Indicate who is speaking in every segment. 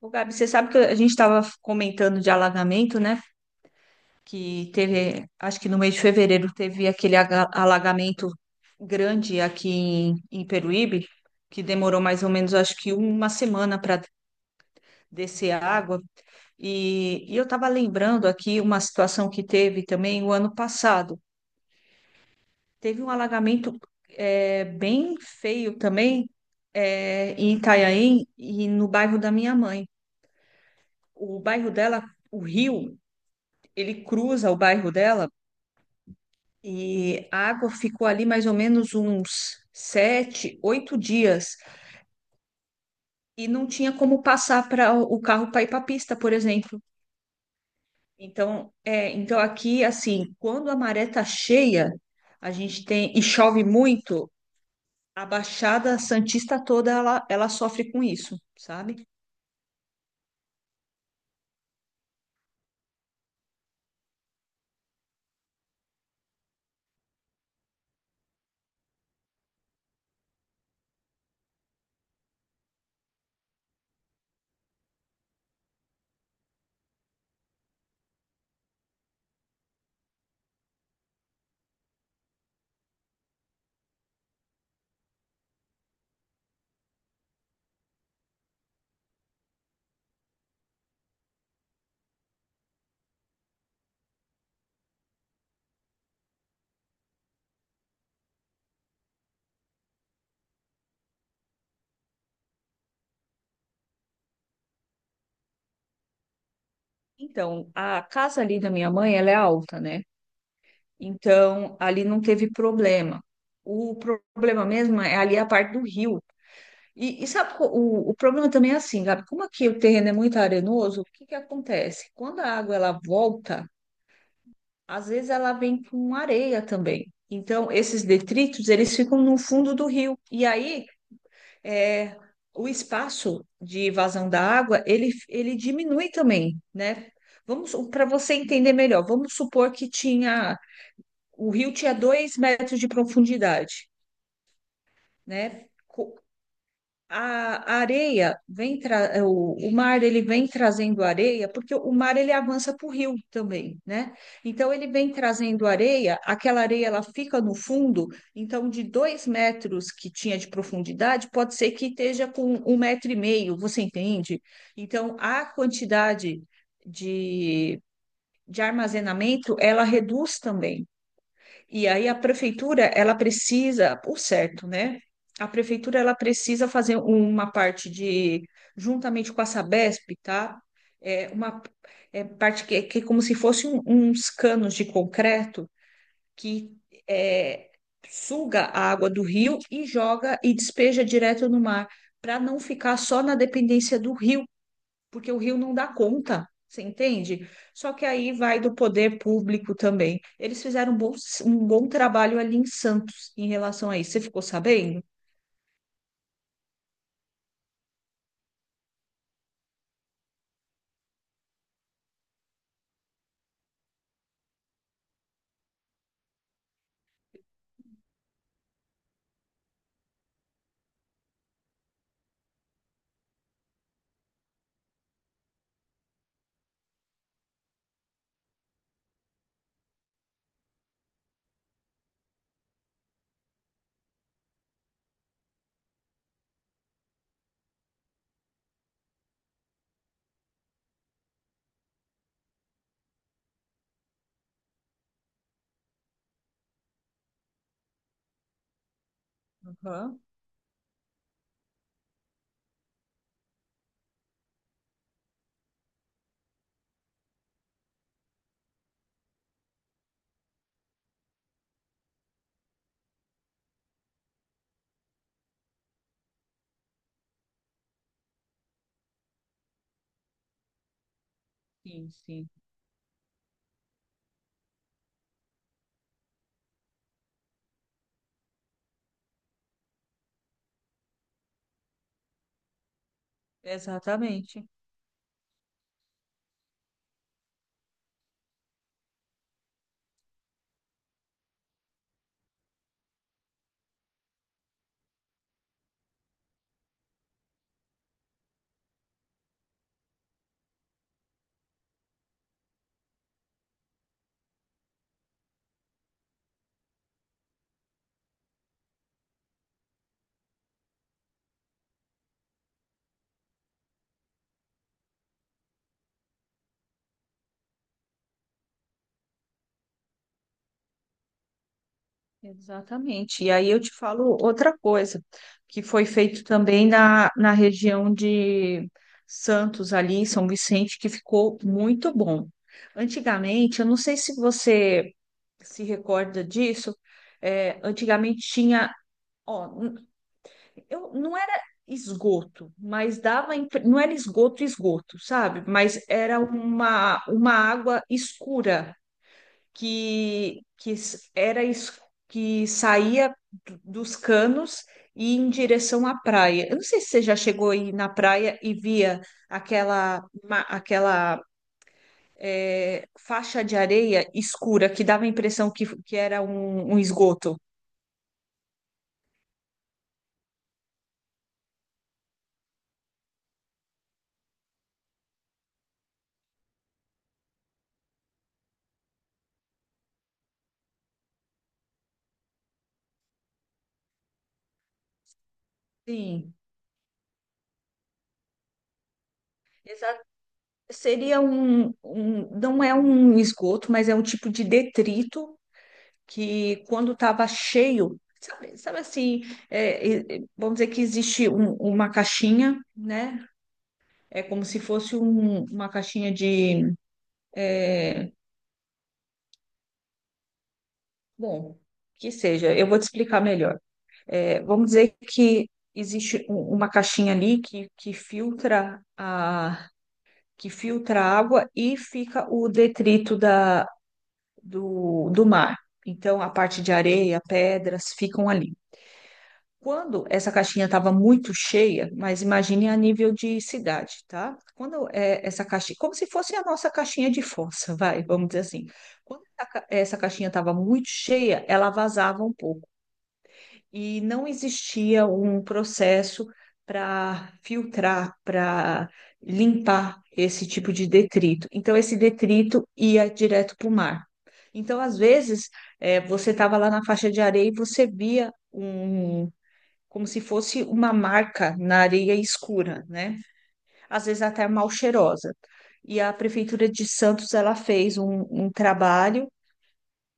Speaker 1: Ô, Gabi, você sabe que a gente estava comentando de alagamento, né? Que teve, acho que no mês de fevereiro teve aquele alagamento grande aqui em Peruíbe, que demorou mais ou menos, acho que uma semana para descer a água. E eu estava lembrando aqui uma situação que teve também o ano passado. Teve um alagamento bem feio também em Itanhaém e no bairro da minha mãe. O bairro dela, o rio ele cruza o bairro dela e a água ficou ali mais ou menos uns 7, 8 dias e não tinha como passar para o carro para ir para a pista, por exemplo. Então aqui assim, quando a maré tá cheia, a gente tem e chove muito, a Baixada Santista toda ela sofre com isso, sabe? Então, a casa ali da minha mãe, ela é alta, né? Então, ali não teve problema. O problema mesmo é ali a parte do rio. E sabe, o problema também é assim, Gabi, como aqui o terreno é muito arenoso, o que que acontece? Quando a água ela volta, às vezes ela vem com areia também. Então, esses detritos, eles ficam no fundo do rio. E aí, é, o espaço de evasão da água, ele diminui também, né? Vamos, para você entender melhor, vamos supor que tinha, o rio tinha 2 metros de profundidade, né? A a areia vem o mar ele vem trazendo areia porque o mar ele avança para o rio também, né? Então ele vem trazendo areia, aquela areia ela fica no fundo, então de 2 metros que tinha de profundidade pode ser que esteja com 1,5 metro, você entende? Então a quantidade de, de armazenamento ela reduz também. E aí a prefeitura, ela precisa, por certo, né? A prefeitura, ela precisa fazer uma parte de, juntamente com a Sabesp, tá? É uma é parte que é como se fosse uns canos de concreto que é, suga a água do rio e joga e despeja direto no mar, para não ficar só na dependência do rio porque o Rio não dá conta, você entende? Só que aí vai do poder público também. Eles fizeram um bom trabalho ali em Santos em relação a isso. Você ficou sabendo? Aham. Sim, sim. Exatamente. Exatamente. E aí eu te falo outra coisa que foi feito também na região de Santos, ali, São Vicente, que ficou muito bom. Antigamente, eu não sei se você se recorda disso, antigamente tinha, ó, não era esgoto, mas dava, não era esgoto, esgoto, sabe? Mas era uma água escura que s- era es- que saía dos canos e ia em direção à praia. Eu não sei se você já chegou aí na praia e via aquela faixa de areia escura que dava a impressão que era um esgoto. Sim, exa- seria um, não é um esgoto, mas é um tipo de detrito que quando estava cheio, sabe assim, vamos dizer que existe uma caixinha, né? É como se fosse uma caixinha de, é, bom, que seja, eu vou te explicar melhor. É, vamos dizer que existe uma caixinha ali que filtra a água e fica o detrito da, do mar. Então, a parte de areia, pedras ficam ali. Quando essa caixinha estava muito cheia, mas imagine a nível de cidade, tá? Quando essa caixinha, como se fosse a nossa caixinha de força, vai, vamos dizer assim. Quando essa caixinha estava muito cheia, ela vazava um pouco e não existia um processo para filtrar, para limpar esse tipo de detrito. Então, esse detrito ia direto para o mar. Então, às vezes, você estava lá na faixa de areia e você via, como se fosse uma marca na areia escura, né? Às vezes até mal cheirosa. E a Prefeitura de Santos, ela fez um trabalho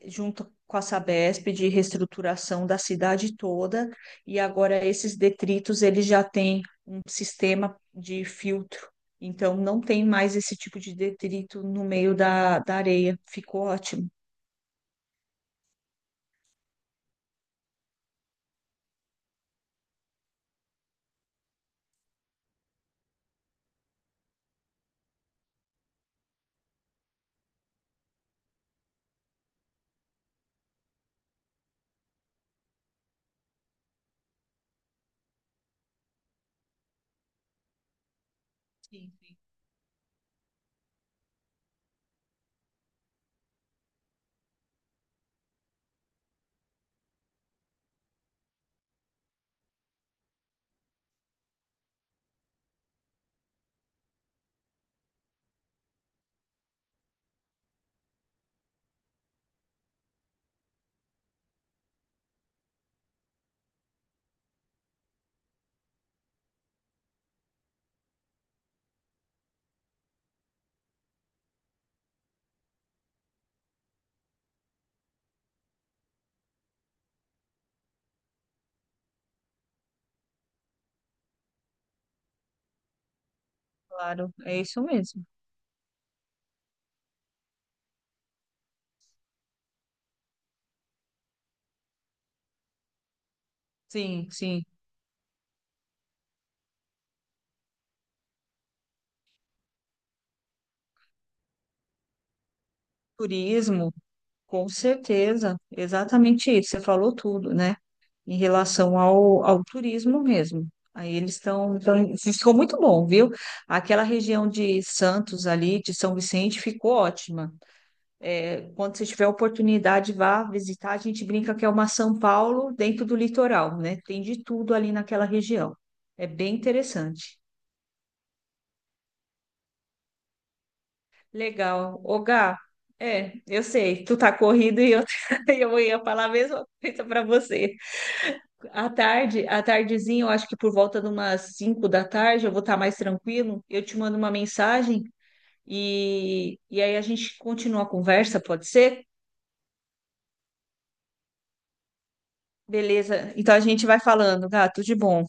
Speaker 1: junto com a Sabesp de reestruturação da cidade toda, e agora esses detritos, eles já têm um sistema de filtro. Então, não tem mais esse tipo de detrito no meio da areia. Ficou ótimo. Claro, é isso mesmo. Sim, sim. Turismo, com certeza, exatamente isso, você falou tudo, né? Em relação ao turismo mesmo. Aí eles estão, ficou muito bom, viu? Aquela região de Santos ali, de São Vicente, ficou ótima. Quando você tiver oportunidade, vá visitar. A gente brinca que é uma São Paulo dentro do litoral, né? Tem de tudo ali naquela região. É bem interessante. Legal. Ô, Gá, eu sei, tu tá corrido e eu, eu ia falar a mesma coisa para você. À tarde, à tardezinha, eu acho que por volta de umas 5 da tarde, eu vou estar mais tranquilo. Eu te mando uma mensagem e aí a gente continua a conversa, pode ser? Beleza. Então a gente vai falando, gato, de bom.